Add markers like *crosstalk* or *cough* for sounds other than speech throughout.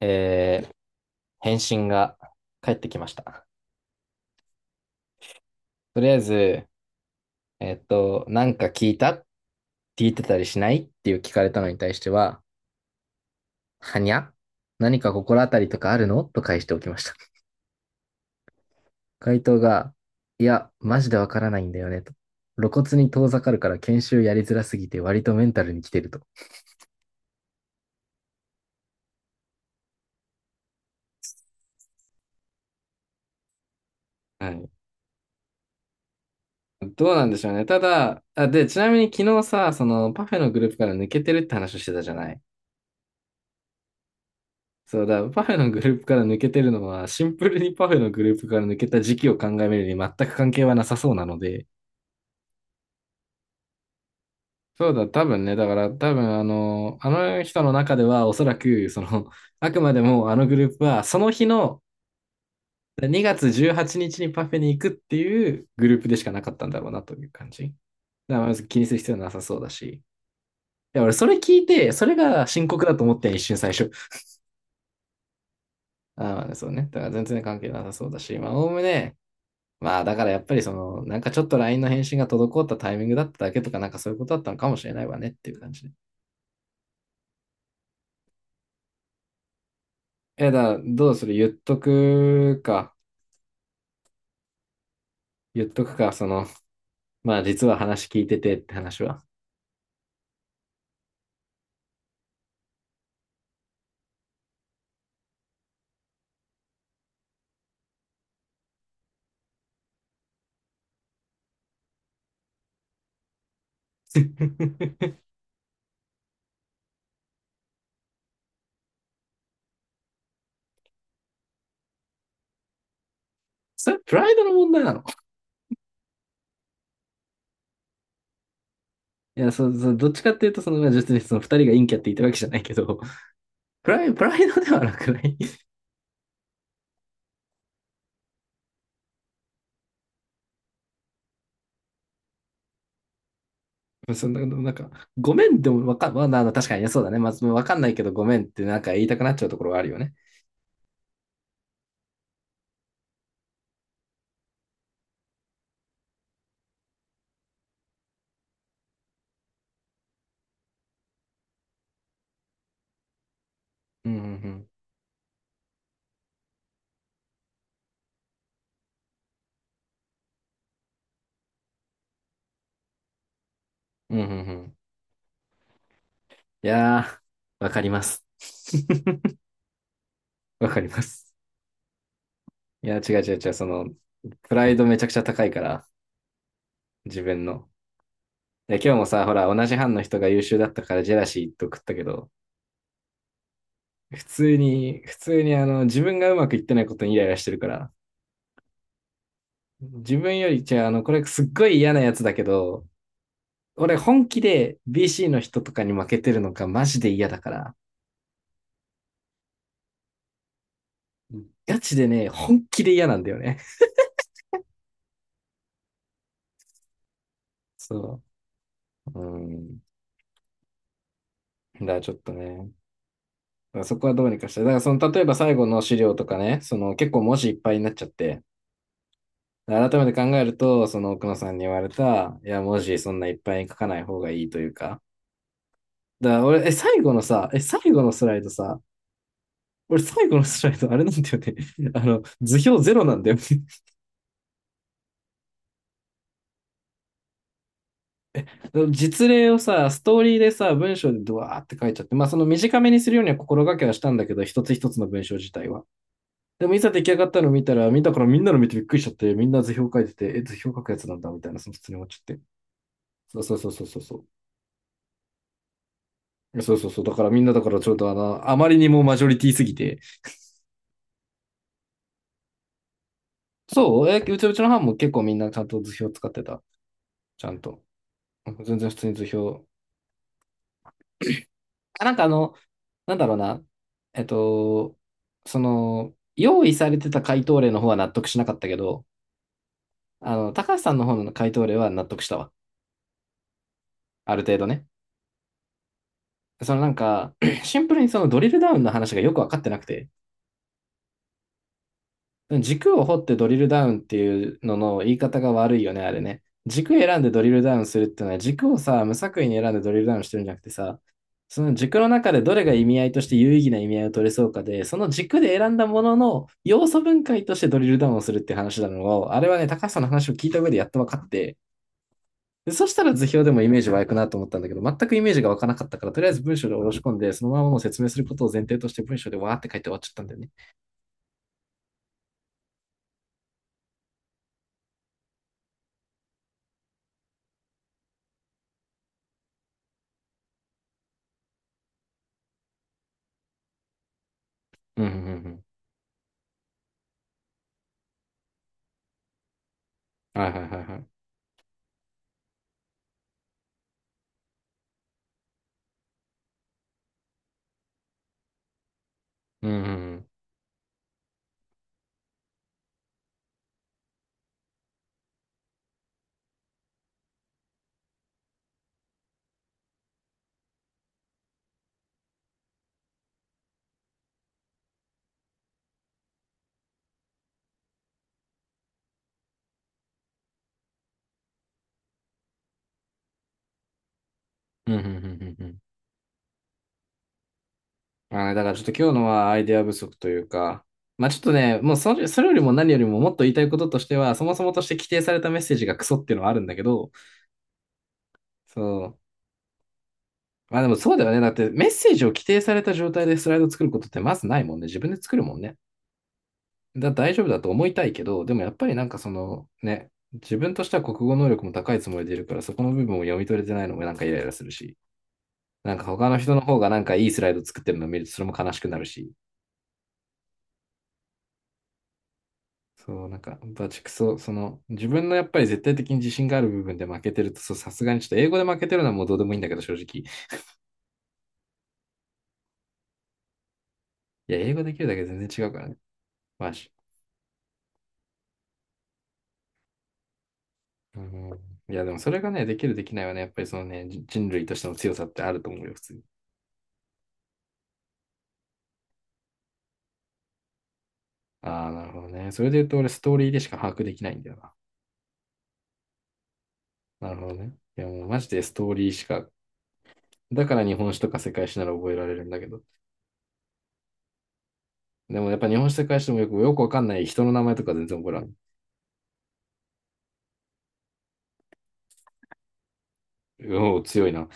えー返信が返ってきました。とりあえず、なんか聞いたって聞いてたりしないっていう聞かれたのに対しては、はにゃ何か心当たりとかあるのと返しておきました。回答が、いや、マジでわからないんだよね、と。露骨に遠ざかるから研修やりづらすぎて割とメンタルに来てると。はい。どうなんでしょうね。ただ、あ、で、ちなみに昨日さ、そのパフェのグループから抜けてるって話をしてたじゃない。そうだ、パフェのグループから抜けてるのは、シンプルにパフェのグループから抜けた時期を考えるに全く関係はなさそうなので、そうだ、多分ね、だから多分あの人の中ではおそらく、その、あくまでもあのグループは、その日の2月18日にちにパフェに行くっていうグループでしかなかったんだろうなという感じ。だからまず気にする必要はなさそうだし。いや、俺それ聞いて、それが深刻だと思って一瞬最初。ああ、そうね。だから全然関係なさそうだし、まあ、おおむね、まあ、だからやっぱりその、なんかちょっと LINE の返信が滞ったタイミングだっただけとか、なんかそういうことだったのかもしれないわねっていう感じで。え、だからどうする言っとくか。言っとくか、その、まあ実は話聞いててって話は。*laughs* それ、プライドの問題なの？いや、そう、そう、どっちかっていうと、その、まあ、実にその二人が陰キャって言ったわけじゃないけど、*laughs* プライドではなくない？ *laughs* そんな、なんか、ごめんでもわかん、まあ、あの確かにね、そうだね。まず、あわかんないけどごめんってなんか言いたくなっちゃうところはあるよね。うん、うん、うん。うん、うん、うん。いやー、わかります。*laughs* わかります。いや、違う違う違う、その、プライドめちゃくちゃ高いから、自分の。で、今日もさ、ほら、同じ班の人が優秀だったからジェラシーと食ったけど、普通にあの、自分がうまくいってないことにイライラしてるから、自分より、じゃあ、あの、これすっごい嫌なやつだけど、俺本気で BC の人とかに負けてるのがマジで嫌だから、ガチでね、本気で嫌なんだよね。そう。うん。だからちょっとね、だからそこはどうにかして、だからその例えば最後の資料とかね、その結構文字いっぱいになっちゃって、改めて考えると、その奥野さんに言われた、いや、文字そんないっぱいに書かない方がいいというか、だから俺、最後のさ、最後のスライドさ、俺最後のスライドあれなんだよね。*laughs* 図表ゼロなんだよね。*laughs* 実例をさ、ストーリーでさ、文章でドワーって書いちゃって、まあその短めにするようには心がけはしたんだけど、一つ一つの文章自体は。でもいざ出来上がったの見たら、見たからみんなの見てびっくりしちゃって、みんな図表書いてて、え、図表書くやつなんだみたいな、その普通に思っちゃって。そうそうそうそうそうそう。そうそうそう。だからみんなだからちょっとあまりにもマジョリティすぎて。そう、うちの班も結構みんなちゃんと図表使ってた。ちゃんと。うん全然普通に図表。あ、なんかなんだろうな。えっと、その、用意されてた回答例の方は納得しなかったけど、高橋さんの方の回答例は納得したわ。ある程度ね。そのなんか、*clears throat* シンプルにそのドリルダウンの話がよくわかってなくて、軸を掘ってドリルダウンっていうのの言い方が悪いよね、あれね。軸選んでドリルダウンするっていうのは、軸をさ、無作為に選んでドリルダウンしてるんじゃなくてさ、その軸の中でどれが意味合いとして有意義な意味合いを取れそうかで、その軸で選んだものの要素分解としてドリルダウンをするって話なのを、あれはね、高橋さんの話を聞いた上でやっと分かって、でそしたら図表でもイメージ湧くなと思ったんだけど、全くイメージが湧かなかったから、とりあえず文章で下ろし込んで、そのままもう説明することを前提として文章でわーって書いて終わっちゃったんだよね。うんうんうん。はいはいはいはい。うんうんうん。うんうんうんうんうん。あーねだからちょっと今日のはアイデア不足というか、まあちょっとね、もうそれよりも何よりももっと言いたいこととしては、そもそもとして規定されたメッセージがクソっていうのはあるんだけど、そう。まあでもそうだよね。だってメッセージを規定された状態でスライド作ることってまずないもんね。自分で作るもんね。大丈夫だと思いたいけど、でもやっぱりなんかそのね、自分としては国語能力も高いつもりでいるから、そこの部分を読み取れてないのもなんかイライラするし、なんか他の人の方がなんかいいスライド作ってるのを見るとそれも悲しくなるし、そう、なんかバチクソ、その自分のやっぱり絶対的に自信がある部分で負けてると、そう、さすがにちょっと英語で負けてるのはもうどうでもいいんだけど、正直。いや、英語できるだけで全然違うからね。マジ。うん。いや、でもそれがね、できるできないはね、やっぱりそのね、人類としての強さってあると思うよ、普通に。ああ、なるほどね。それで言うと俺ストーリーでしか把握できないんだよな。なるほどね。いやもうマジでストーリーしか。だから日本史とか世界史なら覚えられるんだけど。でもやっぱ日本史世界史でもよくわかんない人の名前とか全然覚えらん。おお、強いな。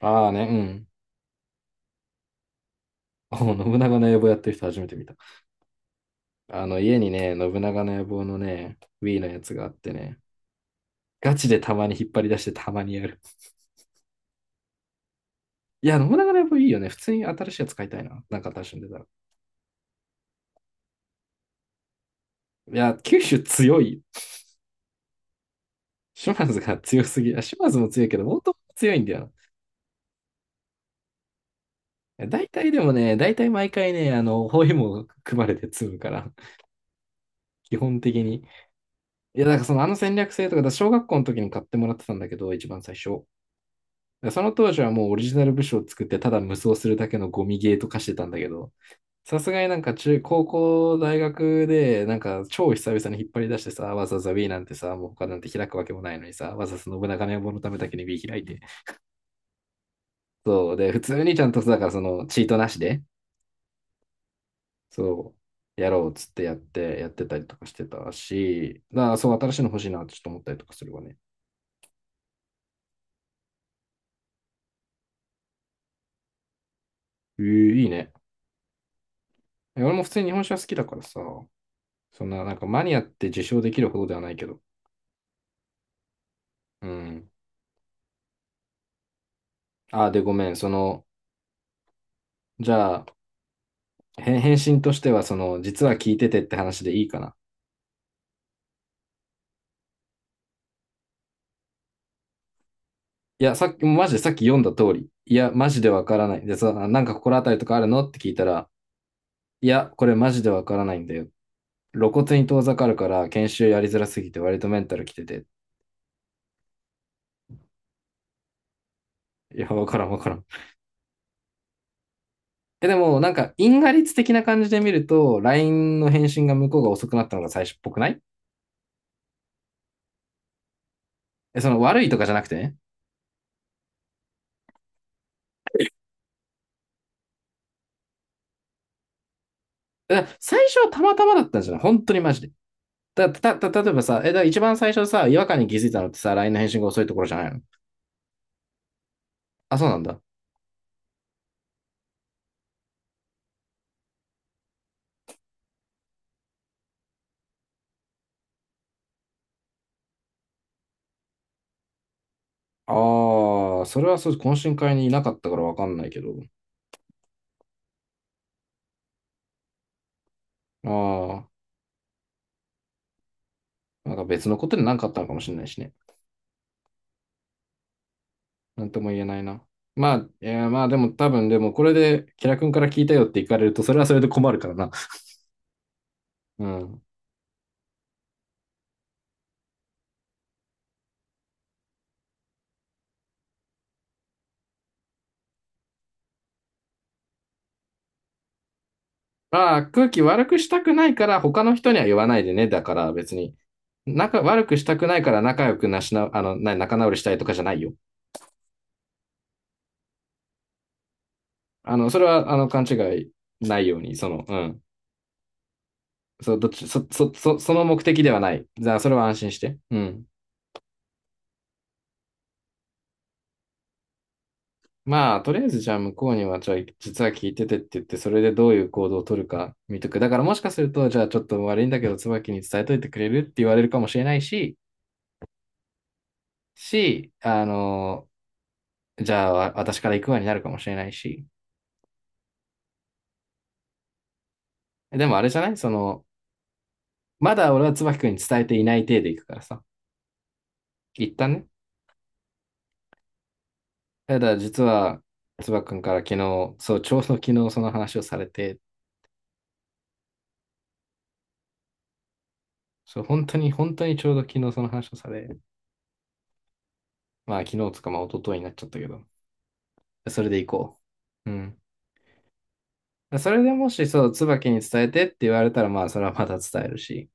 ああね、うん。*laughs* おお、信長の野望やってる人初めて見た。あの家にね、信長の野望のね、Wii のやつがあってね。ガチでたまに引っ張り出してたまにやる。いや、信長の野望いいよね。普通に新しいやつ買いたいな。なんか新しいんでたら。いや、九州強い。島津が強すぎ。*laughs* あ島津も強いけど、大友も強いんだよ。大体でもね、大体毎回ね、包囲網組まれて積むから、*laughs* 基本的に。いや、だからその戦略性とか、だから小学校の時に買ってもらってたんだけど、一番最初。だからその当時はもうオリジナル部署を作って、ただ無双するだけのゴミゲーとかしてたんだけど、さすがになんか中、高校、大学で、なんか超久々に引っ張り出してさ、わざわざ B なんてさ、もう他なんて開くわけもないのにさ、わざわざ信長の野望のためだけに B 開いて、そう。で、普通にちゃんとさ、だからその、チートなしで、そう、やろうっつってやって、やってたりとかしてたし、だからそう、新しいの欲しいなってちょっと思ったりとかするわね。えー、いいね。え俺も普通に日本酒は好きだからさ、そんな、なんかマニアって自称できるほどではないけど。うん。あ、で、ごめん。その、じゃあ、へ返信としては、その、実は聞いててって話でいいかな。いや、さっき、マジでさっき読んだ通り。いや、マジでわからない。で、さ、なんか心当たりとかあるのって聞いたら、いや、これマジでわからないんだよ。露骨に遠ざかるから研修やりづらすぎて割とメンタルきてて。いや、わからんわからん。え、でもなんか因果率的な感じで見ると、LINE の返信が向こうが遅くなったのが最初っぽくない？え、その悪いとかじゃなくてね。だから最初はたまたまだったんじゃない、本当にマジで。だ、た、た、例えばさ、え、だから一番最初さ、違和感に気づいたのってさ、LINE の返信が遅いところじゃないの？あ、そうなんだ。ああ、それはそう、懇親会にいなかったからわかんないけど。ああ、なんか別のことで何かあったのかもしれないしね。なんとも言えないな。まあ、いや、まあでも多分、でもこれで、キラ君から聞いたよって言かれると、それはそれで困るからな。うん。まあ、空気悪くしたくないから、他の人には言わないでね。だから別に、仲、悪くしたくないから仲良くなしな、あの、な、仲直りしたいとかじゃないよ。あの、それは、あの、勘違いないように、その、うん。そう、どっち、その目的ではない。じゃあ、それは安心して。うん。まあ、とりあえずじゃあ向こうには、じゃあ実は聞いててって言って、それでどういう行動を取るか見とく。だからもしかすると、じゃあちょっと悪いんだけど、椿に伝えといてくれるって言われるかもしれないし、し、あの、じゃあ私から行くわになるかもしれないし。でもあれじゃないその、まだ俺は椿君に伝えていない体で行くからさ。一旦ね。ただ実は、椿君から昨日、そう、ちょうど昨日その話をされて、そう、本当に、本当にちょうど昨日その話をされ、まあ昨日つかまあ一昨日になっちゃったけど。それで行こう。うん。それでもし、そう、椿に伝えてって言われたら、まあ、それはまた伝えるし。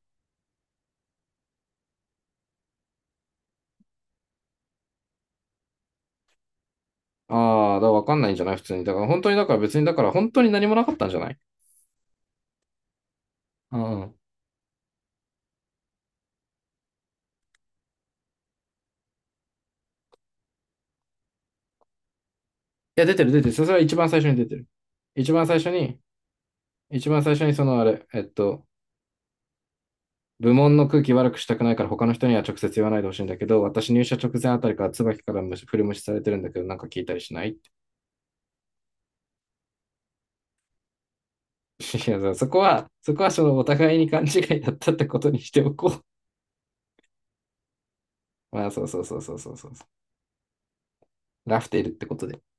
ああ、だからわかんないんじゃない普通に。だから本当に、だから別に、だから本当に何もなかったんじゃない？うん、いや、出てる出てる。それは一番最初に出てる。一番最初に、一番最初にそのあれ、えっと、部門の空気悪くしたくないから他の人には直接言わないでほしいんだけど、私入社直前あたりから椿から無視、振り無視されてるんだけど、なんか聞いたりしない？ *laughs* いや、そこは、そこはそのお互いに勘違いだったってことにしておこう。*laughs* まあ、そうそうそうそうそうそう。ラフテルってことです